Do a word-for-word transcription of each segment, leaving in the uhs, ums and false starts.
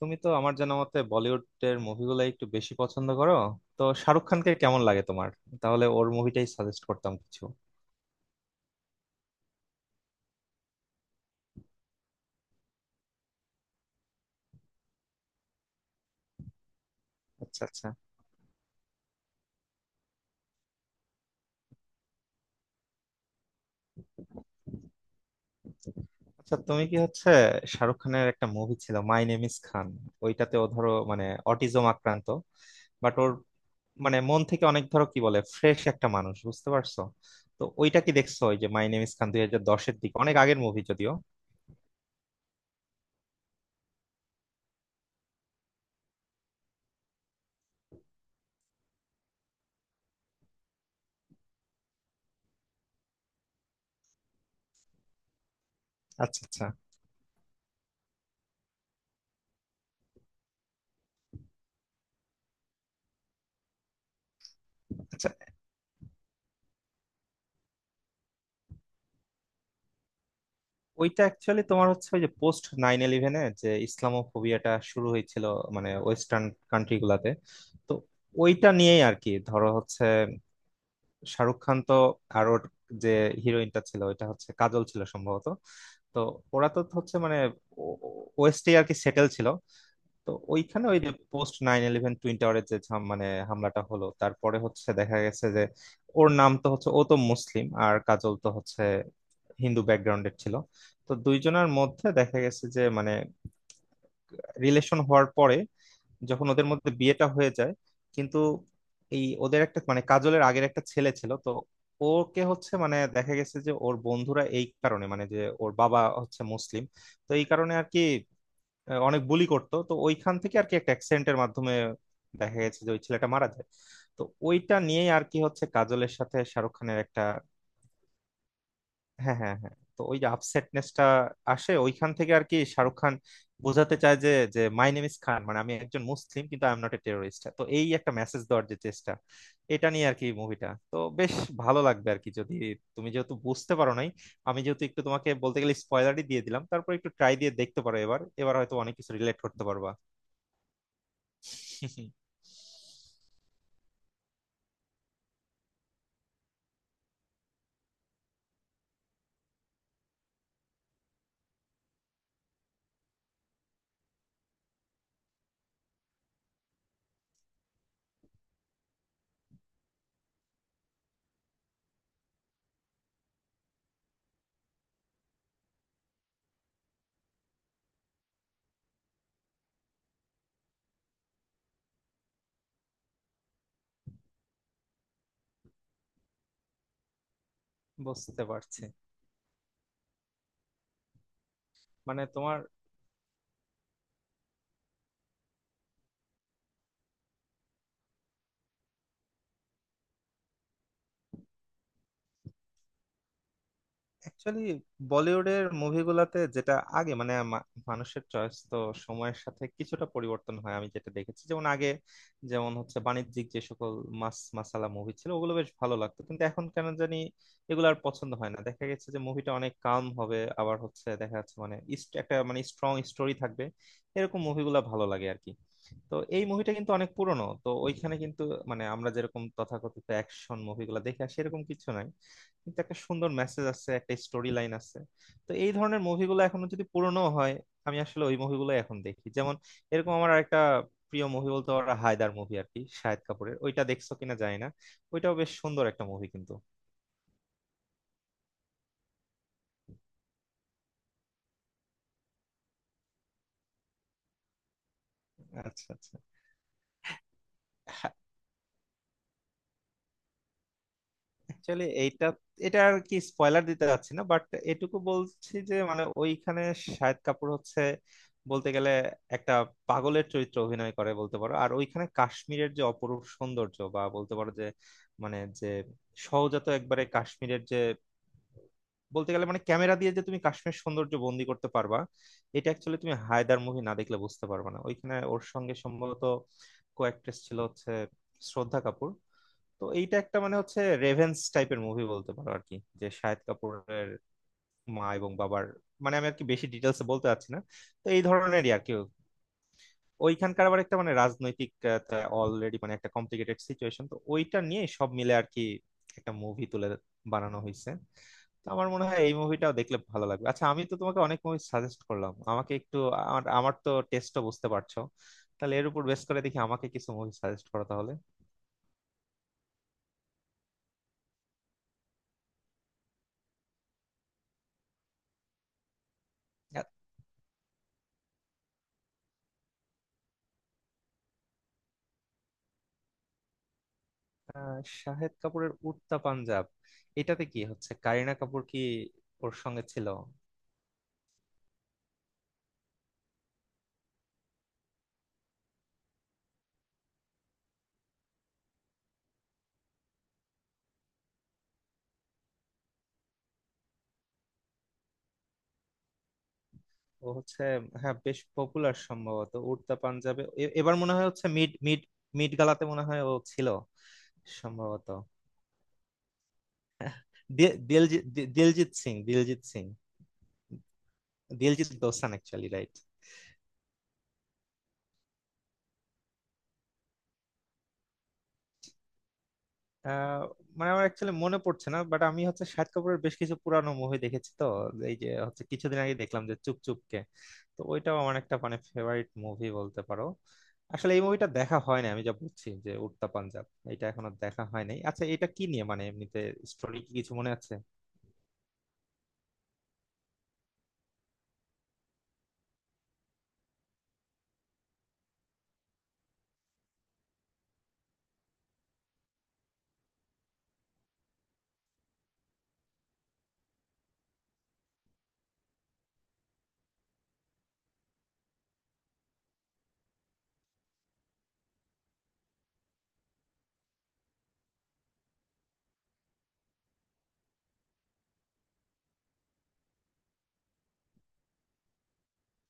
তুমি তো আমার জানা মতে বলিউডের মুভিগুলো একটু বেশি পছন্দ করো, তো শাহরুখ খানকে কেমন লাগে তোমার? তাহলে ওর মুভিটাই সাজেস্ট করতাম কিছু। আচ্ছা আচ্ছা। আচ্ছা, তুমি কি হচ্ছে, শাহরুখ খানের একটা মুভি ছিল মাই নেম ইজ খান। ওইটাতে ও ধরো মানে অটিজম আক্রান্ত, বাট ওর মানে মন থেকে অনেক, ধরো কি বলে, ফ্রেশ একটা মানুষ, বুঝতে পারছো? তো ওইটা কি দেখছো, ওই যে মাই নেম ইজ খান, দুই হাজার দশের দিকে, অনেক আগের মুভি যদিও। আচ্ছা আচ্ছা। আচ্ছা, ওইটা অ্যাকচুয়ালি তোমার হচ্ছে ওই যে পোস্ট নাইন ইলেভেনে যে ইসলামোফোবিয়াটা শুরু হয়েছিল মানে ওয়েস্টার্ন কান্ট্রি গুলাতে, তো ওইটা নিয়েই আর কি, ধরো হচ্ছে শাহরুখ খান তো, আর ওর যে হিরোইনটা ছিল ওইটা হচ্ছে কাজল ছিল সম্ভবত। তো ওরা তো হচ্ছে মানে ওয়েস্টে আর কি সেটেল ছিল। তো ওইখানে ওই যে পোস্ট নাইন ইলেভেন টুইন টাওয়ারের যে ঝাম- মানে হামলাটা হলো, তারপরে হচ্ছে দেখা গেছে যে ওর নাম তো হচ্ছে, ও তো মুসলিম আর কাজল তো হচ্ছে হিন্দু ব্যাকগ্রাউন্ডের ছিল। তো দুইজনের মধ্যে দেখা গেছে যে মানে রিলেশন হওয়ার পরে যখন ওদের মধ্যে বিয়েটা হয়ে যায় কিন্তু এই ওদের একটা মানে কাজলের আগের একটা ছেলে ছিল তো। ওকে হচ্ছে মানে দেখা গেছে যে ওর বন্ধুরা এই কারণে, মানে যে ওর বাবা হচ্ছে মুসলিম, তো এই কারণে আর কি আহ, অনেক বুলি করতো, তো ওইখান থেকে আর কি একটা অ্যাক্সেন্টের মাধ্যমে দেখা গেছে যে ওই ছেলেটা মারা যায়। তো ওইটা নিয়েই আর কি হচ্ছে কাজলের সাথে শাহরুখ খানের একটা। হ্যাঁ হ্যাঁ হ্যাঁ, তো ওই যে আপসেটনেসটা আসে ওইখান থেকে আর কি। শাহরুখ খান বোঝাতে চায় যে, যে মাই নেম ইজ খান মানে আমি একজন মুসলিম কিন্তু I am not a terrorist, তো এই একটা মেসেজ দেওয়ার যে চেষ্টা, এটা নিয়ে আর কি মুভিটা তো বেশ ভালো লাগবে আর কি, যদি তুমি যেহেতু বুঝতে পারো নাই, আমি যেহেতু একটু তোমাকে বলতে গেলে স্পয়লারই দিয়ে দিলাম, তারপর একটু ট্রাই দিয়ে দেখতে পারো, এবার এবার হয়তো অনেক কিছু রিলেট করতে পারবা। বুঝতে পারছি। মানে তোমার অ্যাকচুয়ালি বলিউডের মুভিগুলাতে যেটা আগে মানে মা- মানুষের চয়েস তো সময়ের সাথে কিছুটা পরিবর্তন হয়, আমি যেটা দেখেছি, যেমন আগে, যেমন হচ্ছে বাণিজ্যিক যে সকল মাস মাসালা মুভি ছিল ওগুলো বেশ ভালো লাগতো, কিন্তু এখন কেন জানি এগুলো আর পছন্দ হয় না। দেখা গেছে যে মুভিটা অনেক কাম হবে, আবার হচ্ছে দেখা যাচ্ছে মানে ইস- একটা মানে স্ট্রং স্টোরি থাকবে, এরকম মুভিগুলো ভালো লাগে আর কি। তো এই মুভিটা কিন্তু অনেক পুরনো, তো ওইখানে কিন্তু মানে আমরা যেরকম তথাকথিত অ্যাকশন মুভিগুলো দেখে আসি এরকম কিছু নাই, কিন্তু একটা সুন্দর মেসেজ আছে, একটা স্টোরি লাইন আছে। তো এই ধরনের মুভিগুলো এখনো যদি পুরনো হয় আমি আসলে ওই মুভিগুলো এখন দেখি। যেমন এরকম আমার একটা প্রিয় মুভি বলতে পারো হায়দার মুভি আর কি, শাহিদ কাপুরের, ওইটা দেখছো কিনা জানি না, ওইটাও বেশ সুন্দর একটা মুভি কিন্তু। আচ্ছা আচ্ছা। অ্যাকচুয়ালি এইটা, এটা আর কি স্পয়লার দিতে যাচ্ছি না বাট এটুকু বলছি যে মানে ওইখানে শাহিদ কাপুর হচ্ছে বলতে গেলে একটা পাগলের চরিত্র অভিনয় করে বলতে পারো। আর ওইখানে কাশ্মীরের যে অপরূপ সৌন্দর্য, বা বলতে পারো যে মানে যে সহজাত একবারে কাশ্মীরের যে বলতে গেলে মানে ক্যামেরা দিয়ে যে তুমি কাশ্মীর সৌন্দর্য বন্দি করতে পারবা, এটা অ্যাকচুয়ালি তুমি হায়দার মুভি না দেখলে বুঝতে পারবে না। ওইখানে ওর সঙ্গে সম্ভবত কো ছিল হচ্ছে শ্রদ্ধা কাপুর। তো এইটা একটা মানে হচ্ছে রেভেন্স টাইপের মুভি বলতে পারো আর কি, যে শাহিদ কাপুরের মা এবং বাবার, মানে আমি আর কি বেশি ডিটেলসে বলতে চাচ্ছি না। তো এই ধরনেরই আর কি, ওইখানকার আবার একটা মানে রাজনৈতিক অলরেডি মানে একটা কমপ্লিকেটেড সিচুয়েশন, তো ওইটা নিয়ে সব মিলে আর কি একটা মুভি তুলে বানানো হয়েছে। তো আমার মনে হয় এই মুভিটাও দেখলে ভালো লাগবে। আচ্ছা, আমি তো তোমাকে অনেক মুভি সাজেস্ট করলাম, আমাকে একটু, আমার আমার তো টেস্টও বুঝতে পারছো, তাহলে এর উপর বেস করে দেখি আমাকে কিছু মুভি সাজেস্ট করো তাহলে। আহ, শাহেদ কাপুরের উড়তা পাঞ্জাব, এটাতে কি হচ্ছে কারিনা কাপুর কি ওর সঙ্গে ছিল? ও হচ্ছে, হ্যাঁ বেশ পপুলার সম্ভবত উড়তা পাঞ্জাবে এ- এবার মনে হয় হচ্ছে মিড মিড মিড গালাতে মনে হয় ও ছিল সম্ভবত। Diljit Diljit Singh Diljit Singh Diljit Dosanjh actually right. Ah, মানে আমার অ্যাকচুয়ালি মনে পড়ছে না, বাট আমি হচ্ছে শাহিদ কাপুরের বেশ কিছু পুরানো মুভি দেখেছি তো। এই যে হচ্ছে কিছুদিন আগে দেখলাম যে চুপ চুপ কে, তো ওইটাও আমার একটা মানে ফেভারিট মুভি বলতে পারো। আসলে এই মুভিটা দেখা হয় না, আমি যা বুঝছি যে উড়তা পাঞ্জাব এটা এখনো দেখা হয় নাই। আচ্ছা এটা কি নিয়ে মানে এমনিতে স্টোরি কি কিছু মনে আছে?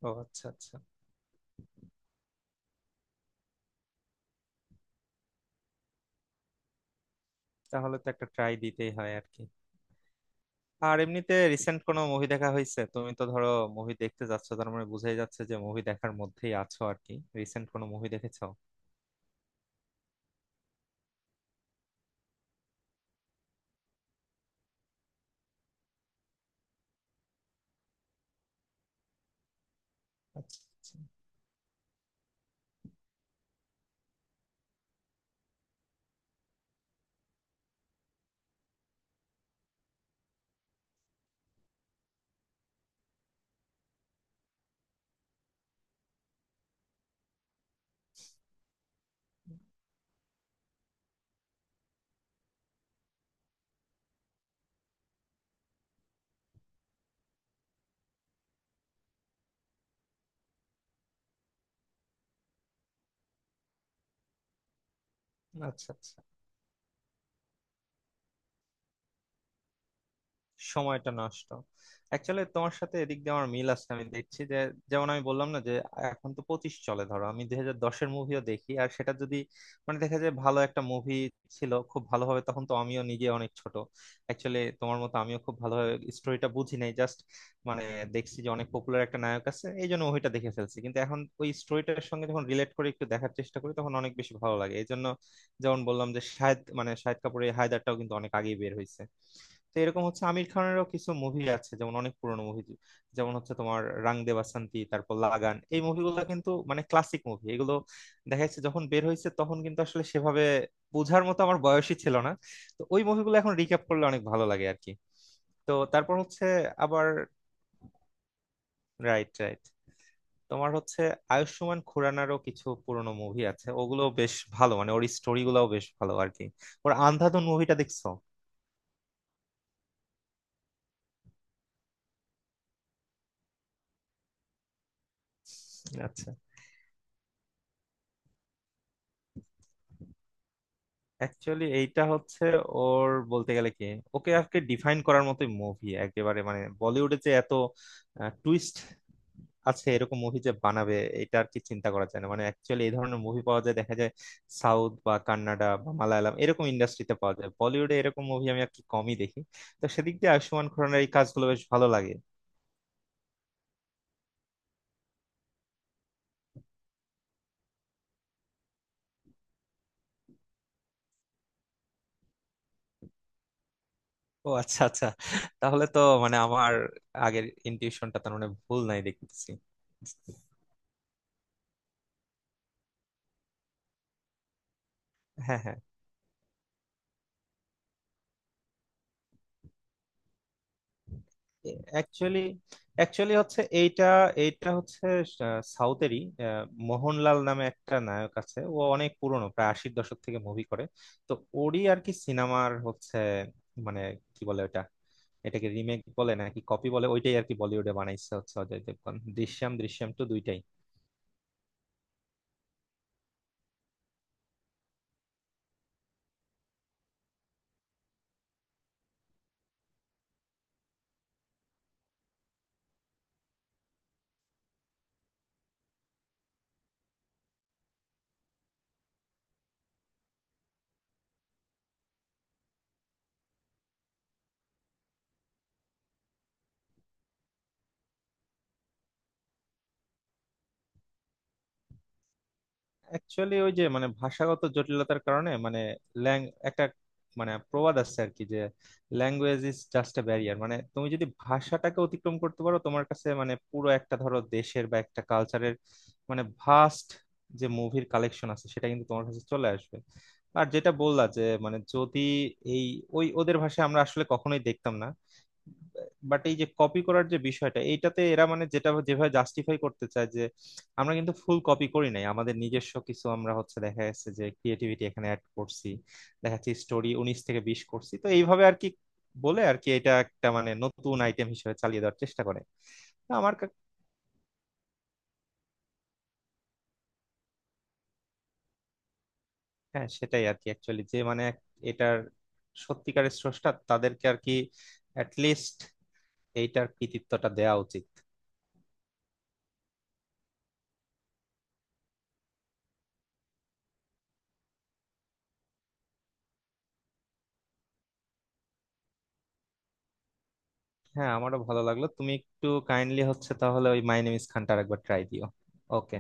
ও আচ্ছা আচ্ছা, তাহলে তো একটা ট্রাই দিতেই হয় আর কি। আর এমনিতে রিসেন্ট কোনো মুভি দেখা হয়েছে? তুমি তো ধরো মুভি দেখতে যাচ্ছ, তার মানে বোঝাই যাচ্ছে যে মুভি দেখার মধ্যেই আছো আর কি, রিসেন্ট কোনো মুভি দেখেছো? আচ্ছা আচ্ছা। আচ্ছা আচ্ছা। সময়টা নষ্ট। অ্যাকচুয়ালি তোমার সাথে এদিক দিয়ে আমার মিল আছে, আমি দেখছি যে যেমন আমি বললাম না যে এখন তো পঁচিশ চলে, ধরো আমি দুই হাজার দশের মুভিও দেখি, আর সেটা যদি মানে দেখা যায় ভালো একটা মুভি ছিল খুব ভালোভাবে, তখন তো আমিও নিজে অনেক ছোট, অ্যাকচুয়ালি তোমার মতো আমিও খুব ভালোভাবে স্টোরিটা বুঝি নাই, জাস্ট মানে দেখছি যে অনেক পপুলার একটা নায়ক আছে এই জন্য মুভিটা দেখে ফেলছি, কিন্তু এখন ওই স্টোরিটার সঙ্গে যখন রিলেট করে একটু দেখার চেষ্টা করি তখন অনেক বেশি ভালো লাগে এই জন্য। যেমন বললাম যে শাহেদ মানে শাহেদ কাপুরের হায়দারটাও কিন্তু অনেক আগেই বের হয়েছে। তো এরকম হচ্ছে আমির খানেরও কিছু মুভি আছে, যেমন অনেক পুরনো মুভি, যেমন হচ্ছে তোমার রং দে বাসন্তী, তারপর লাগান, এই মুভিগুলো কিন্তু মানে ক্লাসিক মুভি এগুলো। দেখা যাচ্ছে যখন বের হয়েছে তখন কিন্তু আসলে সেভাবে বোঝার মতো আমার বয়সই ছিল না। তো ওই মুভিগুলো এখন রিক্যাপ করলে অনেক ভালো লাগে আর কি। তো তারপর হচ্ছে আবার, রাইট রাইট। তোমার হচ্ছে আয়ুষ্মান খুরানারও কিছু পুরনো মুভি আছে, ওগুলো বেশ ভালো মানে ওর স্টোরি গুলাও বেশ ভালো আর কি। ওর আন্ধাধুন মুভিটা দেখছো? আচ্ছা, অ্যাকচুয়ালি এইটা হচ্ছে ওর বলতে গেলে কি, ওকে আজকে ডিফাইন করার মতোই মুভি একেবারে, মানে বলিউডে যে এত টুইস্ট আছে এরকম মুভি যে বানাবে এটা আর কি চিন্তা করা যায় না। মানে অ্যাকচুয়ালি এই ধরনের মুভি পাওয়া যায় দেখা যায় সাউথ বা কান্নাডা বা মালায়ালাম এরকম ইন্ডাস্ট্রিতে পাওয়া যায়, বলিউডে এরকম মুভি আমি আর কি কমই দেখি। তো সেদিক দিয়ে আয়ুষ্মান খুরানার এই কাজগুলো বেশ ভালো লাগে। ও আচ্ছা আচ্ছা, তাহলে তো মানে আমার আগের ইনটিউশনটা তার মানে ভুল নাই দেখতেছি। হ্যাঁ হ্যাঁ। অ্যাকচুয়ালি অ্যাকচুয়ালি হচ্ছে এইটা, এইটা হচ্ছে আহ, সাউথেরই। আহ, মোহনলাল নামে একটা নায়ক আছে, ও অনেক পুরনো, প্রায় আশির দশক থেকে মুভি করে। তো ওরই আর কি সিনেমার হচ্ছে মানে কি বলে ওটা, এটাকে রিমেক বলে নাকি কপি বলে, ওইটাই আর কি বলিউডে বানাইছে হচ্ছে অজয় দেবগন দৃশ্যম দৃশ্যম টু দুইটাই। অ্যাকচুয়ালি ওই যে মানে ভাষাগত জটিলতার কারণে মানে ল্যাং একটা মানে প্রবাদ আছে আর কি যে language is just a barrier, মানে তুমি যদি ভাষাটাকে অতিক্রম করতে পারো তোমার কাছে মানে পুরো একটা ধরো দেশের বা একটা কালচারের মানে ভাস্ট যে মুভির কালেকশন আছে সেটা কিন্তু তোমার কাছে চলে আসবে। আর যেটা বললা যে মানে যদি এই ওই ওদের ভাষায় আমরা আসলে কখনোই দেখতাম না। বাট এই যে কপি করার যে বিষয়টা, এইটাতে এরা মানে যেটা যেভাবে জাস্টিফাই করতে চায় যে আমরা কিন্তু ফুল কপি করি নাই, আমাদের নিজস্ব কিছু আমরা হচ্ছে দেখা যাচ্ছে যে ক্রিয়েটিভিটি এখানে অ্যাড করছি, দেখা যাচ্ছে স্টোরি উনিশ থেকে বিশ করছি, তো এইভাবে আর কি বলে আর কি এটা একটা মানে নতুন আইটেম হিসেবে চালিয়ে দেওয়ার চেষ্টা করে। তো আমার কা- হ্যাঁ সেটাই আর কি অ্যাকচুয়ালি যে মানে এক- এটার সত্যিকারের স্রষ্টা তাদেরকে আর কি লিস্ট এইটার কৃতিত্বটা দেওয়া উচিত। হ্যাঁ আমারও ভালো লাগলো, তুমি একটু কাইন্ডলি হচ্ছে তাহলে ওই মাই নেম ইজ খানটার একবার ট্রাই দিও। ওকে।